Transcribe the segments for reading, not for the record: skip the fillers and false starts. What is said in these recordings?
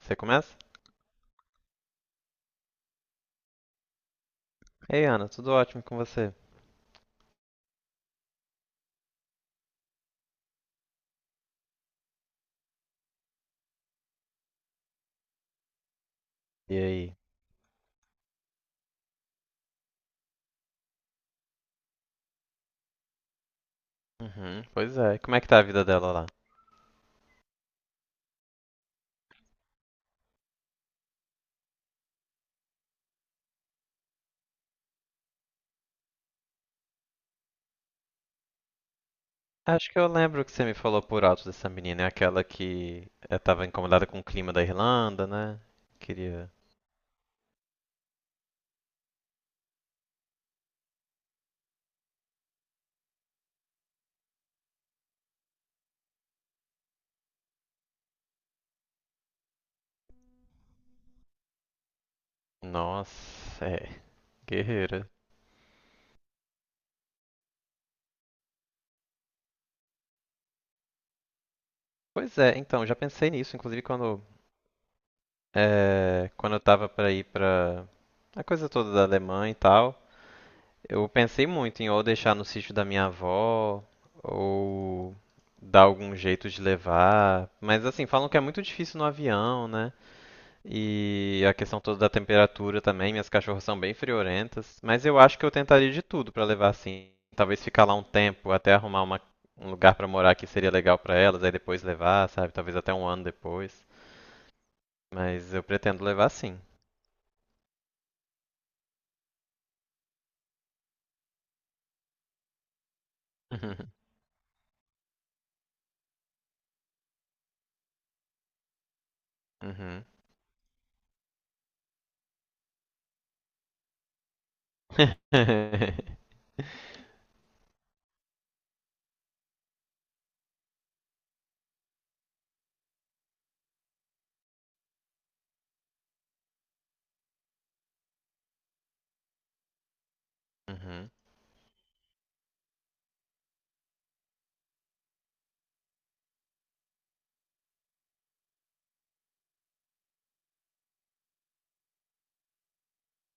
Você começa? Ei, Ana, tudo ótimo com você? E aí? Uhum, pois é. Como é que tá a vida dela lá? Acho que eu lembro que você me falou por alto dessa menina, é aquela que tava incomodada com o clima da Irlanda, né? Queria. Nossa, é. Guerreira. Pois é, então, já pensei nisso, inclusive quando eu tava pra ir pra. A coisa toda da Alemanha e tal. Eu pensei muito em ou deixar no sítio da minha avó, ou dar algum jeito de levar. Mas assim, falam que é muito difícil no avião, né? E a questão toda da temperatura também, minhas cachorras são bem friorentas. Mas eu acho que eu tentaria de tudo pra levar assim. Talvez ficar lá um tempo até arrumar um lugar pra morar que seria legal pra elas, aí depois levar, sabe? Talvez até um ano depois. Mas eu pretendo levar sim. Uhum. Uhum.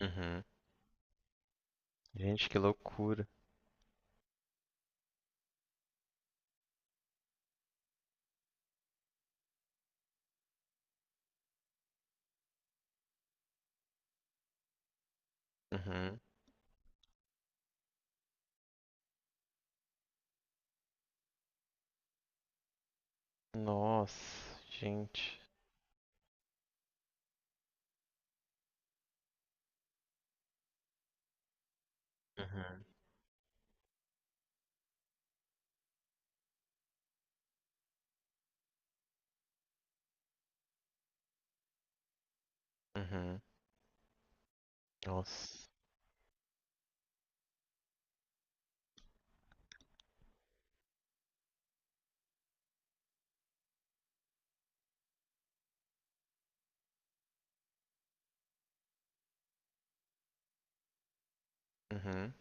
Uhum. Uhum. Gente, que loucura. Uhum. Nossa, gente. Uhum. Uhum. Nossa. Uhum.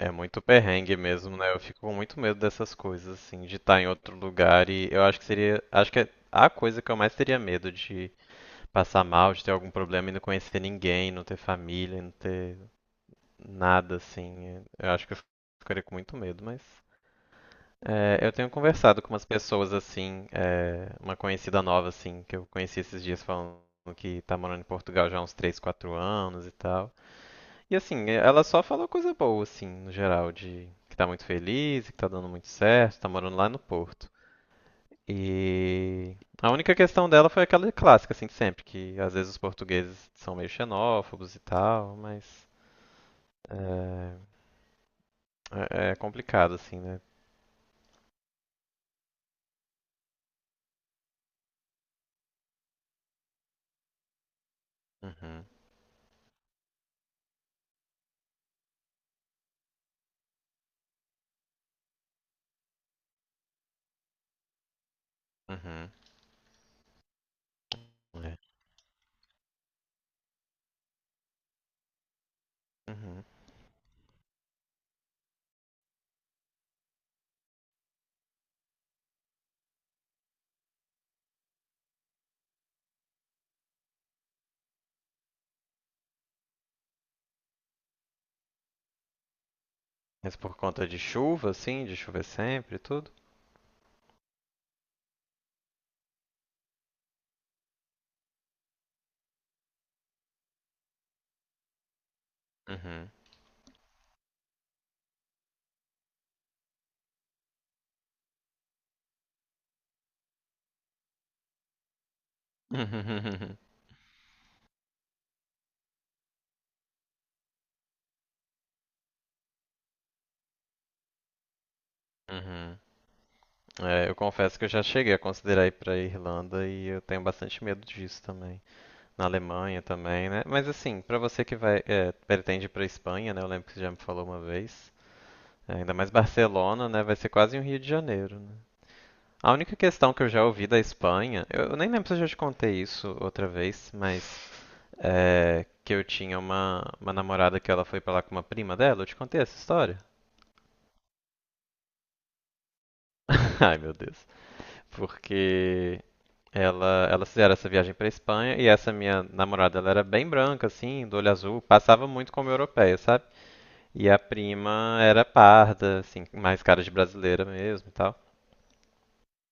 É, é muito perrengue mesmo, né? Eu fico com muito medo dessas coisas, assim, de estar em outro lugar e eu acho que seria, acho que é a coisa que eu mais teria medo de passar mal, de ter algum problema e não conhecer ninguém, não ter família, não ter nada, assim. Eu acho que eu ficaria com muito medo, mas é, eu tenho conversado com umas pessoas assim, é, uma conhecida nova assim, que eu conheci esses dias falando que tá morando em Portugal já há uns 3, 4 anos e tal. E assim, é, ela só falou coisa boa assim, no geral, de que tá muito feliz, que tá dando muito certo, tá morando lá no Porto. E a única questão dela foi aquela clássica assim de sempre, que às vezes os portugueses são meio xenófobos e tal, mas é, é complicado assim, né? Uhum, uhum, é, uhum. Mas por conta de chuva, assim, de chover sempre e tudo? Uhum. Uhum. É, eu confesso que eu já cheguei a considerar ir pra Irlanda e eu tenho bastante medo disso também. Na Alemanha também, né? Mas assim, pra você que vai, é, pretende ir pra Espanha, né? Eu lembro que você já me falou uma vez. É, ainda mais Barcelona, né? Vai ser quase um Rio de Janeiro, né? A única questão que eu já ouvi da Espanha, eu nem lembro se eu já te contei isso outra vez, mas é, que eu tinha uma namorada que ela foi pra lá com uma prima dela. Eu te contei essa história? Ai, meu Deus. Porque ela, elas fizeram essa viagem pra Espanha e essa minha namorada, ela era bem branca, assim, do olho azul, passava muito como europeia, sabe? E a prima era parda, assim, mais cara de brasileira mesmo e tal.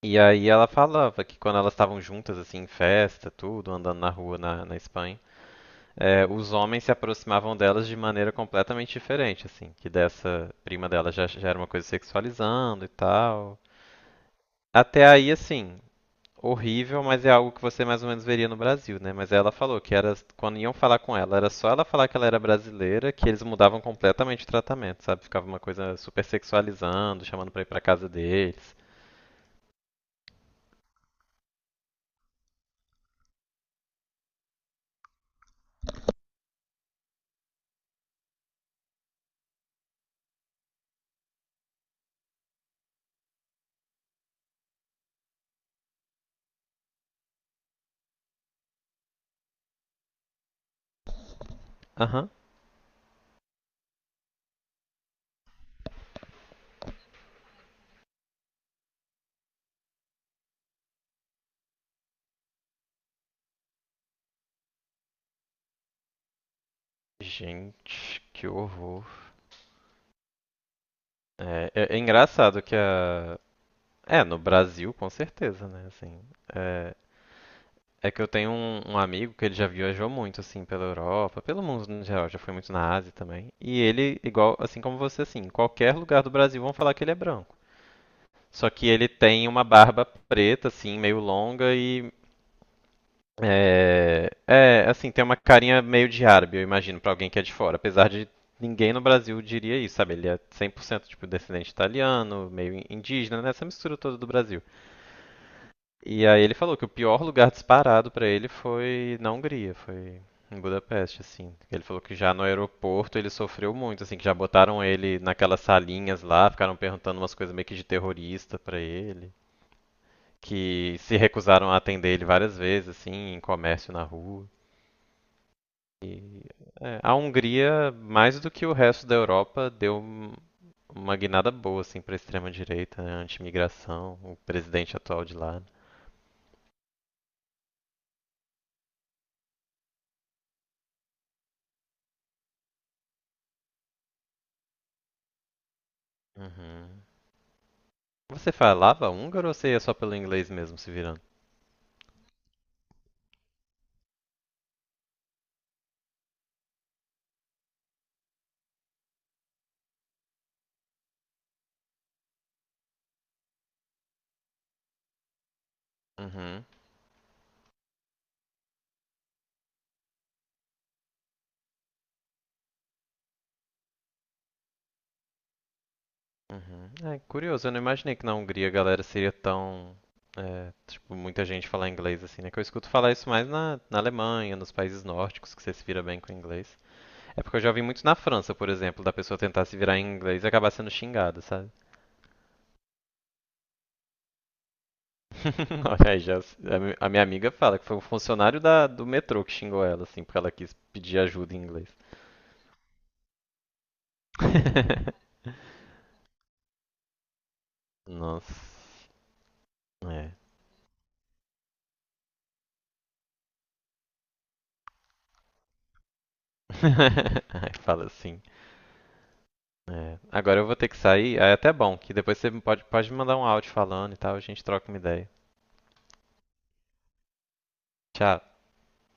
E aí ela falava que quando elas estavam juntas, assim, em festa, tudo, andando na rua na Espanha, é, os homens se aproximavam delas de maneira completamente diferente, assim, que dessa prima dela já era uma coisa sexualizando e tal. Até aí, assim, horrível, mas é algo que você mais ou menos veria no Brasil, né? Mas ela falou que era quando iam falar com ela, era só ela falar que ela era brasileira, que eles mudavam completamente o tratamento, sabe? Ficava uma coisa super sexualizando, chamando pra ir pra casa deles. Aham. Gente, que horror. É, é engraçado que a. É, no Brasil, com certeza, né? Assim, é, é que eu tenho um amigo que ele já viajou muito, assim, pela Europa, pelo mundo no geral, já foi muito na Ásia também. E ele, igual, assim como você, assim, em qualquer lugar do Brasil vão falar que ele é branco. Só que ele tem uma barba preta, assim, meio longa e. É, é assim, tem uma carinha meio de árabe, eu imagino, pra alguém que é de fora. Apesar de ninguém no Brasil diria isso, sabe? Ele é 100% tipo descendente italiano, meio indígena, né? Essa mistura toda do Brasil. E aí ele falou que o pior lugar disparado pra ele foi na Hungria, foi em Budapeste, assim. Ele falou que já no aeroporto ele sofreu muito, assim, que já botaram ele naquelas salinhas lá, ficaram perguntando umas coisas meio que de terrorista pra ele, que se recusaram a atender ele várias vezes, assim, em comércio na rua. E é, a Hungria, mais do que o resto da Europa, uma guinada boa, assim, pra extrema-direita, né, anti-imigração, o presidente atual de lá. Né. Uhum. Você falava húngaro ou você ia só pelo inglês mesmo, se virando? Uhum, uhum. É curioso, eu não imaginei que na Hungria a galera seria tão. É, tipo, muita gente falar inglês assim, né? Que eu escuto falar isso mais na Alemanha, nos países nórdicos, que você se vira bem com inglês. É porque eu já vi muito na França, por exemplo, da pessoa tentar se virar em inglês e acabar sendo xingada, sabe? Olha aí, já, a minha amiga fala que foi um funcionário da, do metrô que xingou ela, assim, porque ela quis pedir ajuda em inglês. Nossa, é. Aí fala assim. É, agora eu vou ter que sair. Aí é até bom, que depois você pode me mandar um áudio falando e tal, a gente troca uma ideia. Tchau.